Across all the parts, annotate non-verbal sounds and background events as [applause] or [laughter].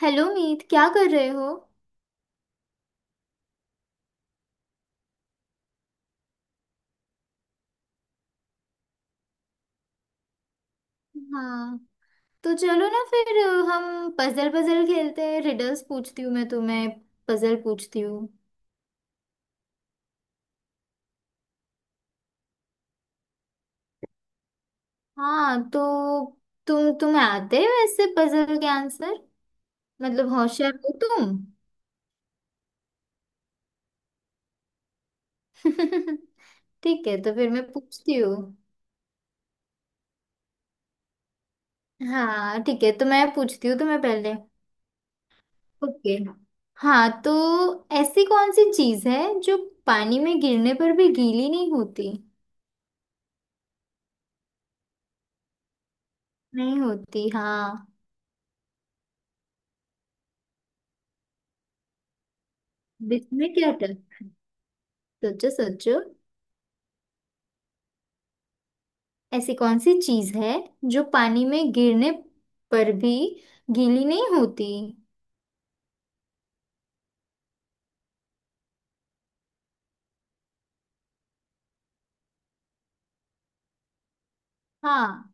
Hello Meet, क्या कर रहे हो। हाँ, तो चलो ना फिर हम पजल पजल खेलते हैं। रिडल्स पूछती हूँ मैं तुम्हें। पजल पूछती हूँ। हाँ तो तुम्हें आते हो ऐसे पजल के आंसर। मतलब होशियार हो तुम। [laughs] ठीक है, तो फिर मैं पूछती हूँ। हाँ ठीक है, तो मैं पूछती हूँ तुम्हें पहले। ओके। हाँ तो ऐसी कौन सी चीज़ है जो पानी में गिरने पर भी गीली नहीं होती। नहीं होती, हाँ। इसमें क्या डर। सोचो सोचो। ऐसी कौन सी चीज है जो पानी में गिरने पर भी गीली नहीं होती। हाँ,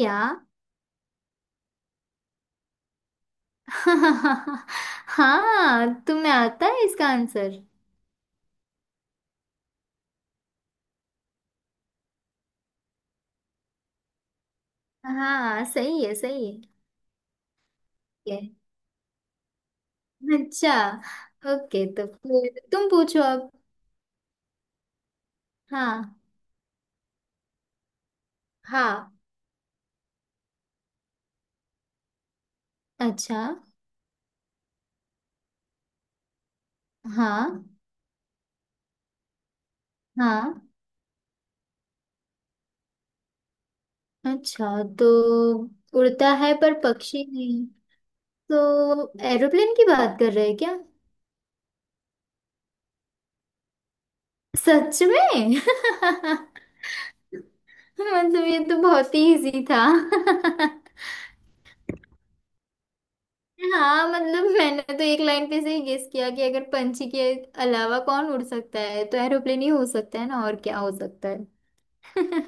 क्या। [laughs] हाँ तुम्हें आता है इसका आंसर। हाँ सही है, सही है। ठीक है। अच्छा, ओके, तो फिर तुम पूछो अब। हाँ। हाँ अच्छा। हाँ। हाँ अच्छा तो उड़ता है पर पक्षी नहीं। तो एरोप्लेन की बात कर रहे हैं क्या। सच में [laughs] मतलब ये तो बहुत ही इजी था। [laughs] हाँ मतलब मैंने तो एक लाइन पे से ही गेस किया कि अगर पंछी के अलावा कौन उड़ सकता है तो एरोप्लेन ही हो सकता है ना। और क्या हो सकता है। [laughs]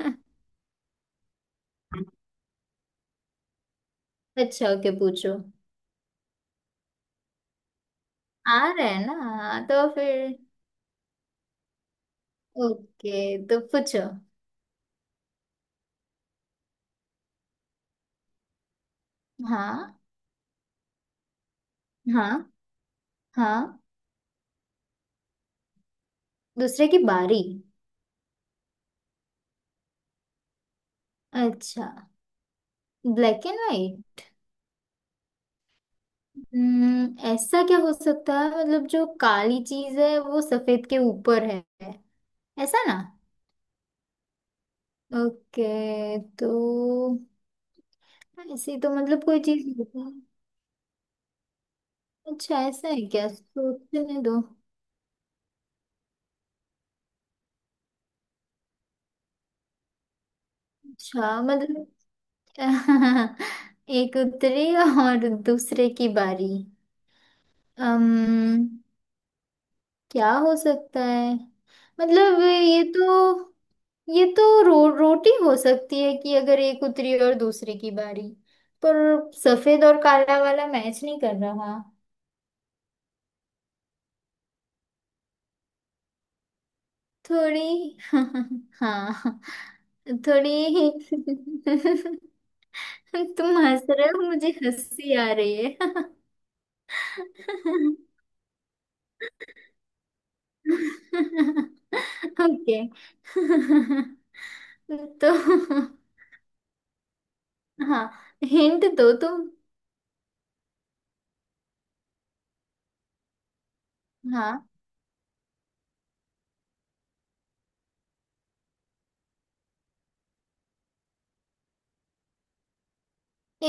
अच्छा ओके, पूछो। आ रहा है ना, हाँ, तो फिर। ओके तो पूछो। हाँ। हाँ। हाँ दूसरे की बारी। अच्छा, ब्लैक एंड व्हाइट। ऐसा क्या हो सकता है। मतलब जो काली चीज है वो सफेद के ऊपर है, ऐसा ना। ओके तो ऐसी तो मतलब कोई चीज होती है। अच्छा, ऐसा है क्या, सोचने दो। अच्छा मतलब [laughs] एक उतरी और दूसरे की बारी। अम्म, क्या हो सकता है। मतलब ये तो रोटी हो सकती है कि अगर एक उतरी और दूसरे की बारी। पर सफेद और काला वाला मैच नहीं कर रहा। थोड़ी [laughs] हाँ थोड़ी। [laughs] तुम हंस रहे हो, मुझे हंसी आ रही है। [laughs] ओके [laughs] तो हाँ, हिंट दो तुम। हाँ।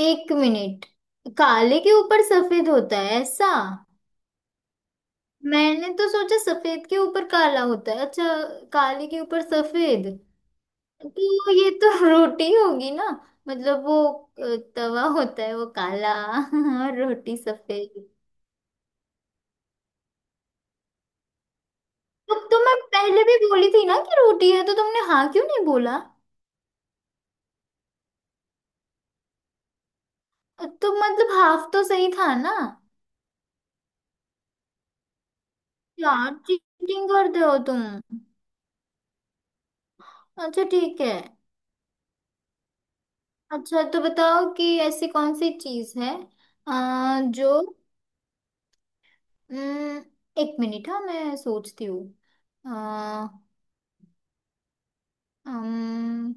एक मिनट, काले के ऊपर सफेद होता है ऐसा। मैंने तो सोचा सफेद के ऊपर काला होता है। अच्छा, काले के ऊपर सफेद। तो ये तो [laughs] रोटी होगी ना। मतलब वो तवा होता है वो काला [laughs] और रोटी सफेद। तो मैं पहले भी बोली थी ना कि रोटी है, तो तुमने हाँ क्यों नहीं बोला। तो मतलब हाफ तो सही था ना। यार चीटिंग करते हो तुम। अच्छा ठीक है। अच्छा तो बताओ कि ऐसी कौन सी चीज है अ, जो अम, एक मिनट, हाँ मैं सोचती हूँ। अ, अम,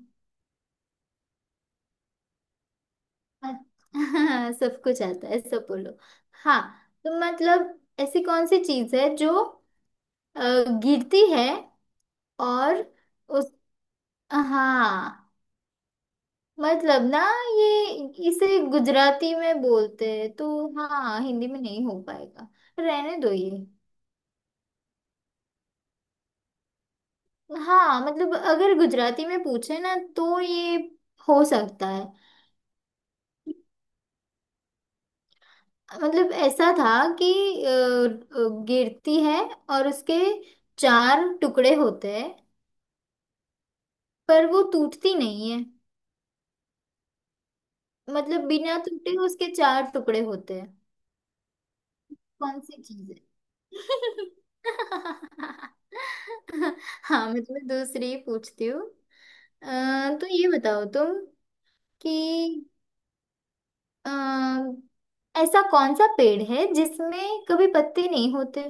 अ- [laughs] सब कुछ आता है, सब बोलो। हाँ तो मतलब ऐसी कौन सी चीज है जो अ, गिरती है और उस। हाँ मतलब ना ये इसे गुजराती में बोलते हैं तो। हाँ हिंदी में नहीं हो पाएगा, रहने दो ये। हाँ मतलब अगर गुजराती में पूछे ना तो ये हो सकता है। मतलब ऐसा था कि गिरती है और उसके चार टुकड़े होते हैं पर वो टूटती नहीं है। मतलब बिना टूटे उसके चार टुकड़े होते हैं। कौन सी चीज है। [laughs] हाँ मैं तुम्हें दूसरी पूछती हूँ। तो ये बताओ तुम कि अम, ऐसा कौन सा पेड़ है जिसमें कभी पत्ते नहीं होते।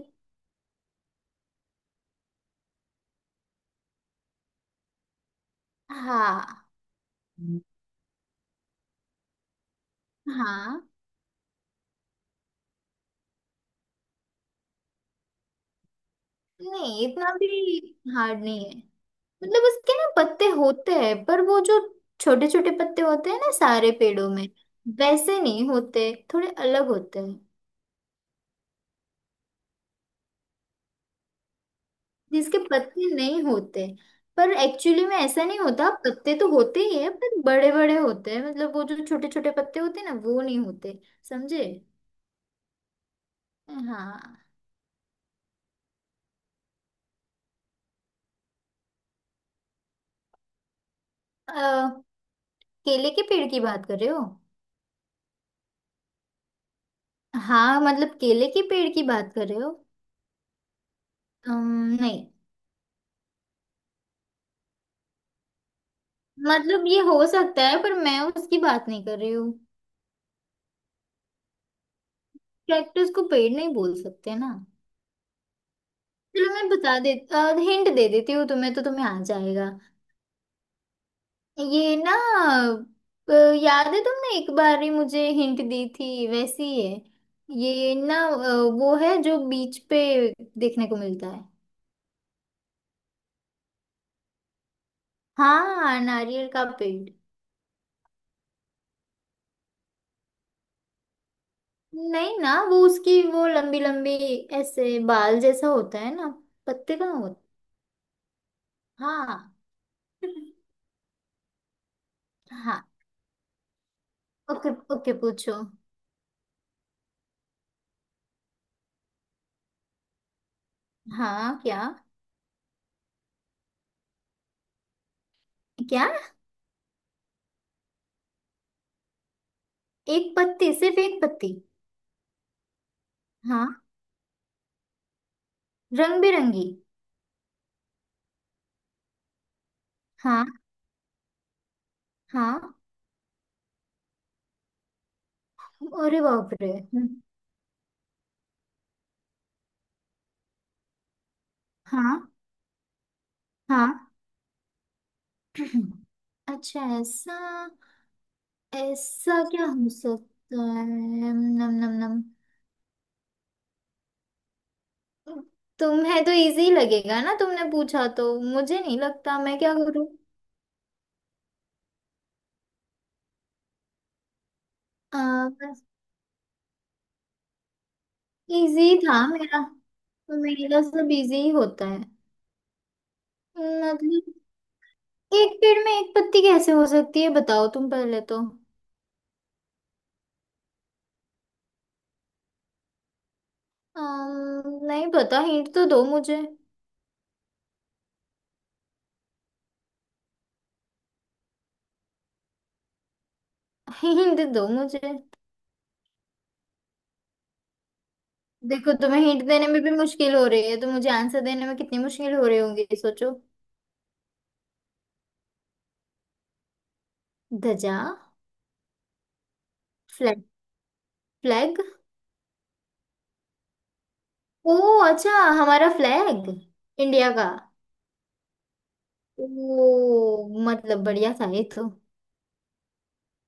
हाँ। हाँ नहीं, इतना भी हार्ड नहीं है। मतलब उसके ना पत्ते होते हैं पर वो जो छोटे छोटे पत्ते होते हैं ना सारे पेड़ों में, वैसे नहीं होते, थोड़े अलग होते हैं। जिसके पत्ते नहीं होते पर एक्चुअली में ऐसा नहीं होता, पत्ते तो होते ही है पर बड़े बड़े होते हैं। मतलब वो जो छोटे छोटे पत्ते होते हैं ना वो नहीं होते। समझे। हाँ, केले के पेड़ की बात कर रहे हो। हाँ मतलब केले के पेड़ की बात कर रहे हो। नहीं। मतलब ये हो सकता है पर मैं उसकी बात नहीं कर रही हूँ। कैक्टस को पेड़ नहीं बोल सकते ना। चलो मैं बता दे, हिंट दे देती हूँ तुम्हें तो तुम्हें आ जाएगा। ये ना अ, याद है तुमने एक बार ही मुझे हिंट दी थी वैसी ही है ये ना। वो है जो बीच पे देखने को मिलता है। हाँ, नारियल का पेड़। नहीं ना वो उसकी वो लंबी लंबी, ऐसे बाल जैसा होता है ना, पत्ते का होता। हाँ। [laughs] हाँ। ओके ओके पूछो। हाँ, क्या। क्या, एक पत्ती, सिर्फ एक पत्ती। हाँ। रंग बिरंगी। हाँ। हाँ। अरे बाप रे। हाँ। हाँ। [clears throat] अच्छा ऐसा, ऐसा क्या हो सकता है। नम नम नम, तुम्हें तो इजी लगेगा ना, तुमने पूछा, तो मुझे नहीं लगता, मैं क्या करूँ। आ, बस इजी था मेरा, तो मेरा सब इजी ही होता है। मतलब एक पेड़ में एक पत्ती कैसे हो सकती है, बताओ तुम पहले तो। नहीं पता, हिंट तो दो मुझे। [laughs] हिंट दो मुझे। देखो तुम्हें हिंट देने में भी मुश्किल हो रही है, तो मुझे आंसर देने में कितनी मुश्किल हो रही होंगी सोचो। ध्वजा। फ्लैग। फ्लैग। ओ, अच्छा, हमारा फ्लैग, इंडिया का। ओ मतलब बढ़िया था ये तो,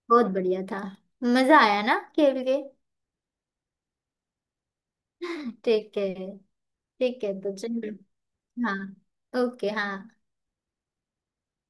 बहुत बढ़िया था। मजा आया ना खेल के। ठीक है। ठीक है तो चलिए। हाँ। ओके, हाँ।